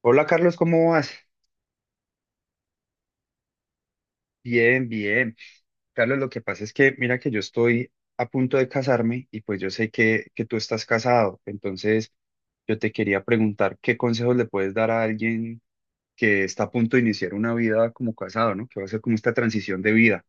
Hola Carlos, ¿cómo vas? Bien, bien. Carlos, lo que pasa es que mira que yo estoy a punto de casarme y pues yo sé que tú estás casado, entonces yo te quería preguntar qué consejos le puedes dar a alguien que está a punto de iniciar una vida como casado, ¿no? Que va a ser como esta transición de vida.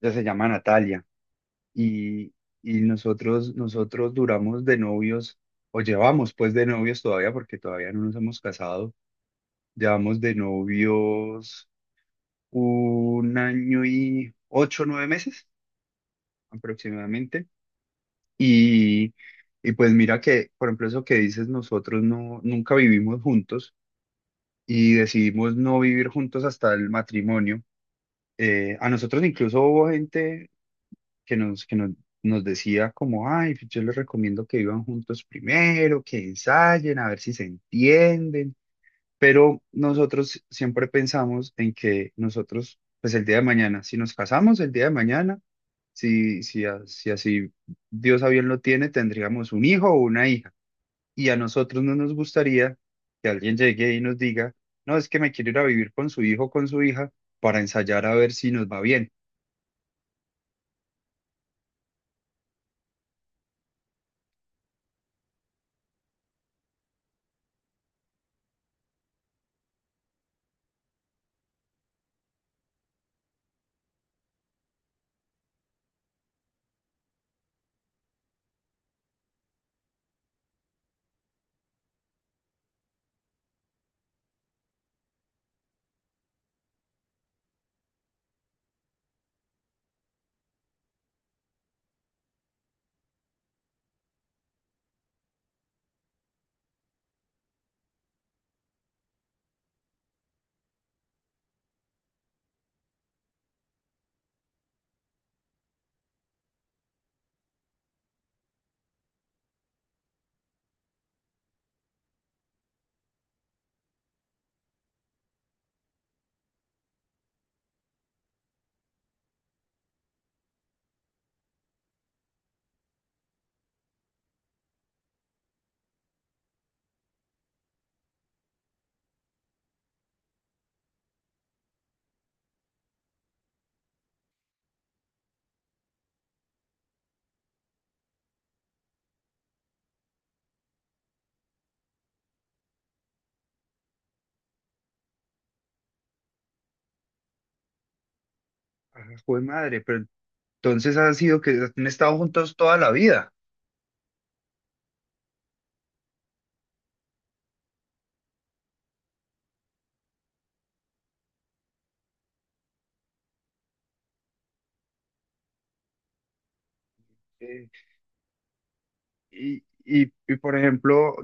Ella se llama Natalia y, y nosotros duramos de novios o llevamos pues de novios todavía porque todavía no nos hemos casado. Llevamos de novios un año y 8, o 9 meses aproximadamente. Y, y pues mira que, por ejemplo, eso que dices, nosotros no, nunca vivimos juntos y decidimos no vivir juntos hasta el matrimonio. A nosotros incluso hubo gente que nos decía como, ay, pues yo les recomiendo que vivan juntos primero, que ensayen, a ver si se entienden. Pero nosotros siempre pensamos en que nosotros, pues el día de mañana, si nos casamos el día de mañana, si así Dios a bien lo tiene, tendríamos un hijo o una hija. Y a nosotros no nos gustaría que alguien llegue y nos diga, no, es que me quiero ir a vivir con su hijo o con su hija para ensayar a ver si nos va bien. Ah, jue madre, pero entonces ha sido que han estado juntos toda la vida. Eh, y, y, por ejemplo,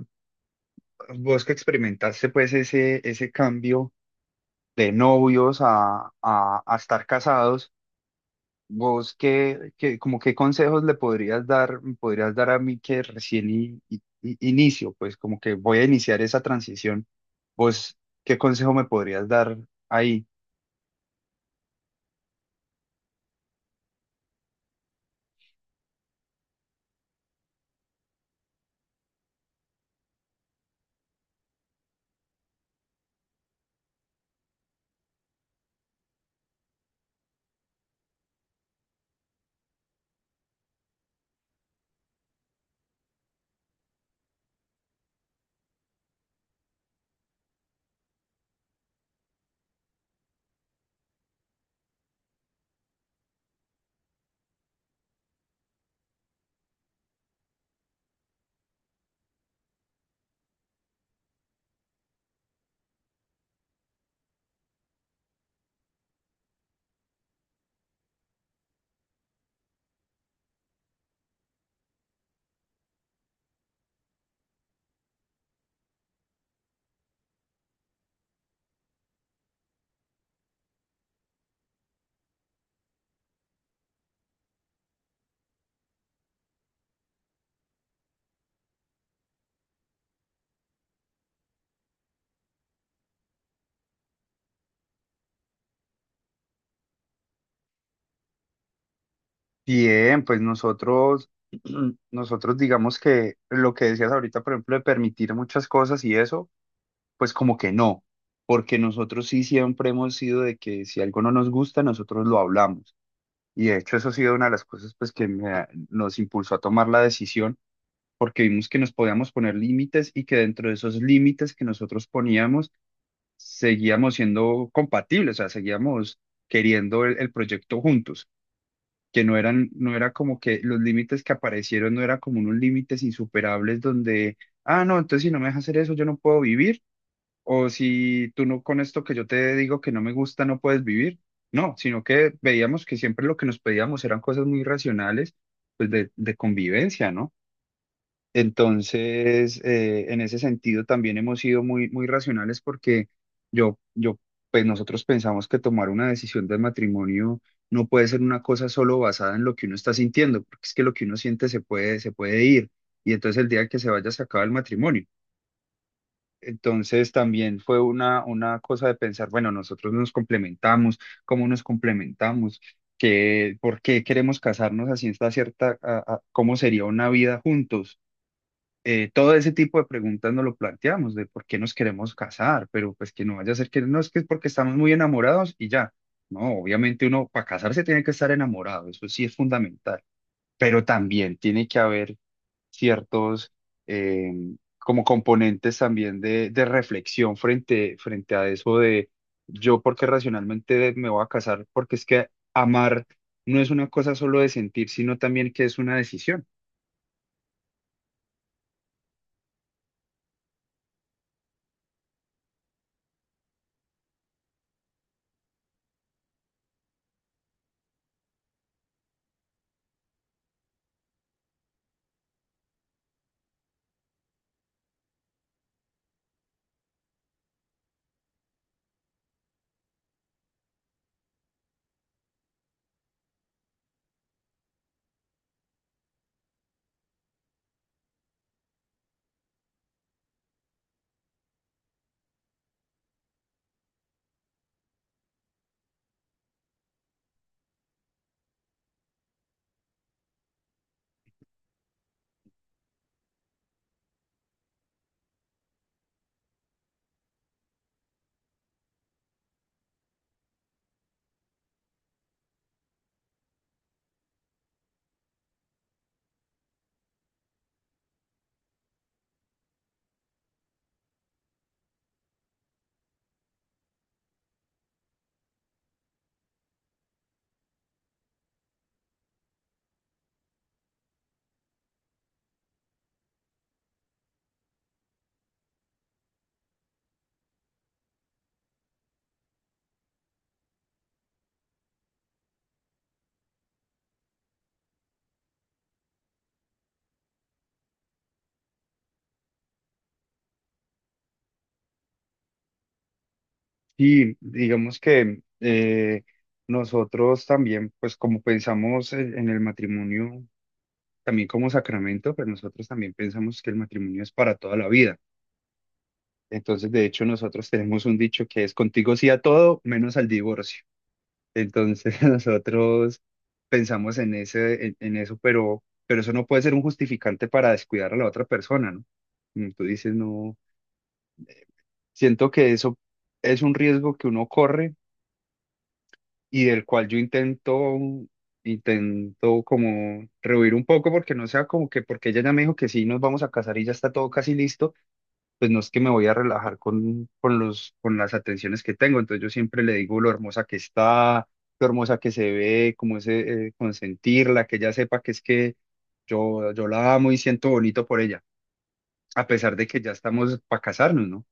vos que experimentaste pues ese cambio de novios a estar casados. Vos, como qué consejos le podrías dar, me podrías dar a mí que recién inicio, pues como que voy a iniciar esa transición. Vos, ¿qué consejo me podrías dar ahí? Bien, pues nosotros, nosotros digamos que lo que decías ahorita, por ejemplo, de permitir muchas cosas y eso, pues como que no, porque nosotros sí siempre hemos sido de que si algo no nos gusta, nosotros lo hablamos. Y de hecho eso ha sido una de las cosas pues que me nos impulsó a tomar la decisión porque vimos que nos podíamos poner límites y que dentro de esos límites que nosotros poníamos seguíamos siendo compatibles, o sea, seguíamos queriendo el proyecto juntos, que no eran, no era como que los límites que aparecieron no eran como unos límites insuperables donde, ah, no, entonces si no me dejas hacer eso, yo no puedo vivir, o si tú no con esto que yo te digo que no me gusta, no puedes vivir. No, sino que veíamos que siempre lo que nos pedíamos eran cosas muy racionales, pues de convivencia, ¿no? Entonces, en ese sentido también hemos sido muy, muy racionales porque yo, pues nosotros pensamos que tomar una decisión del matrimonio no puede ser una cosa solo basada en lo que uno está sintiendo, porque es que lo que uno siente se puede ir y entonces el día que se vaya se acaba el matrimonio. Entonces también fue una cosa de pensar, bueno, nosotros nos complementamos, ¿cómo nos complementamos? ¿Qué, por qué queremos casarnos así esta cierta, cómo sería una vida juntos? Todo ese tipo de preguntas nos lo planteamos, de por qué nos queremos casar, pero pues que no vaya a ser que no es que es porque estamos muy enamorados y ya. No, obviamente uno para casarse tiene que estar enamorado, eso sí es fundamental, pero también tiene que haber ciertos eh, como componentes también de reflexión frente a eso de yo porque racionalmente me voy a casar, porque es que amar no es una cosa solo de sentir, sino también que es una decisión. Y digamos que nosotros también, pues como pensamos en el matrimonio, también como sacramento, pero nosotros también pensamos que el matrimonio es para toda la vida. Entonces, de hecho, nosotros tenemos un dicho que es contigo sí a todo, menos al divorcio. Entonces, nosotros pensamos en ese, en eso, pero eso no puede ser un justificante para descuidar a la otra persona, ¿no? Como tú dices, no, siento que eso es un riesgo que uno corre y del cual yo intento como rehuir un poco porque no sea como que porque ella ya me dijo que sí, nos vamos a casar y ya está todo casi listo, pues no es que me voy a relajar con las atenciones que tengo, entonces yo siempre le digo lo hermosa que está, lo hermosa que se ve, como ese consentirla, que ella sepa que es que yo la amo y siento bonito por ella, a pesar de que ya estamos para casarnos, ¿no?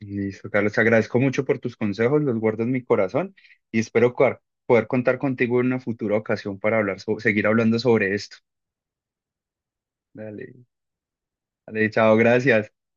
Listo, Carlos, te agradezco mucho por tus consejos, los guardo en mi corazón y espero poder contar contigo en una futura ocasión para hablar, seguir hablando sobre esto. Dale, dale, chao, gracias.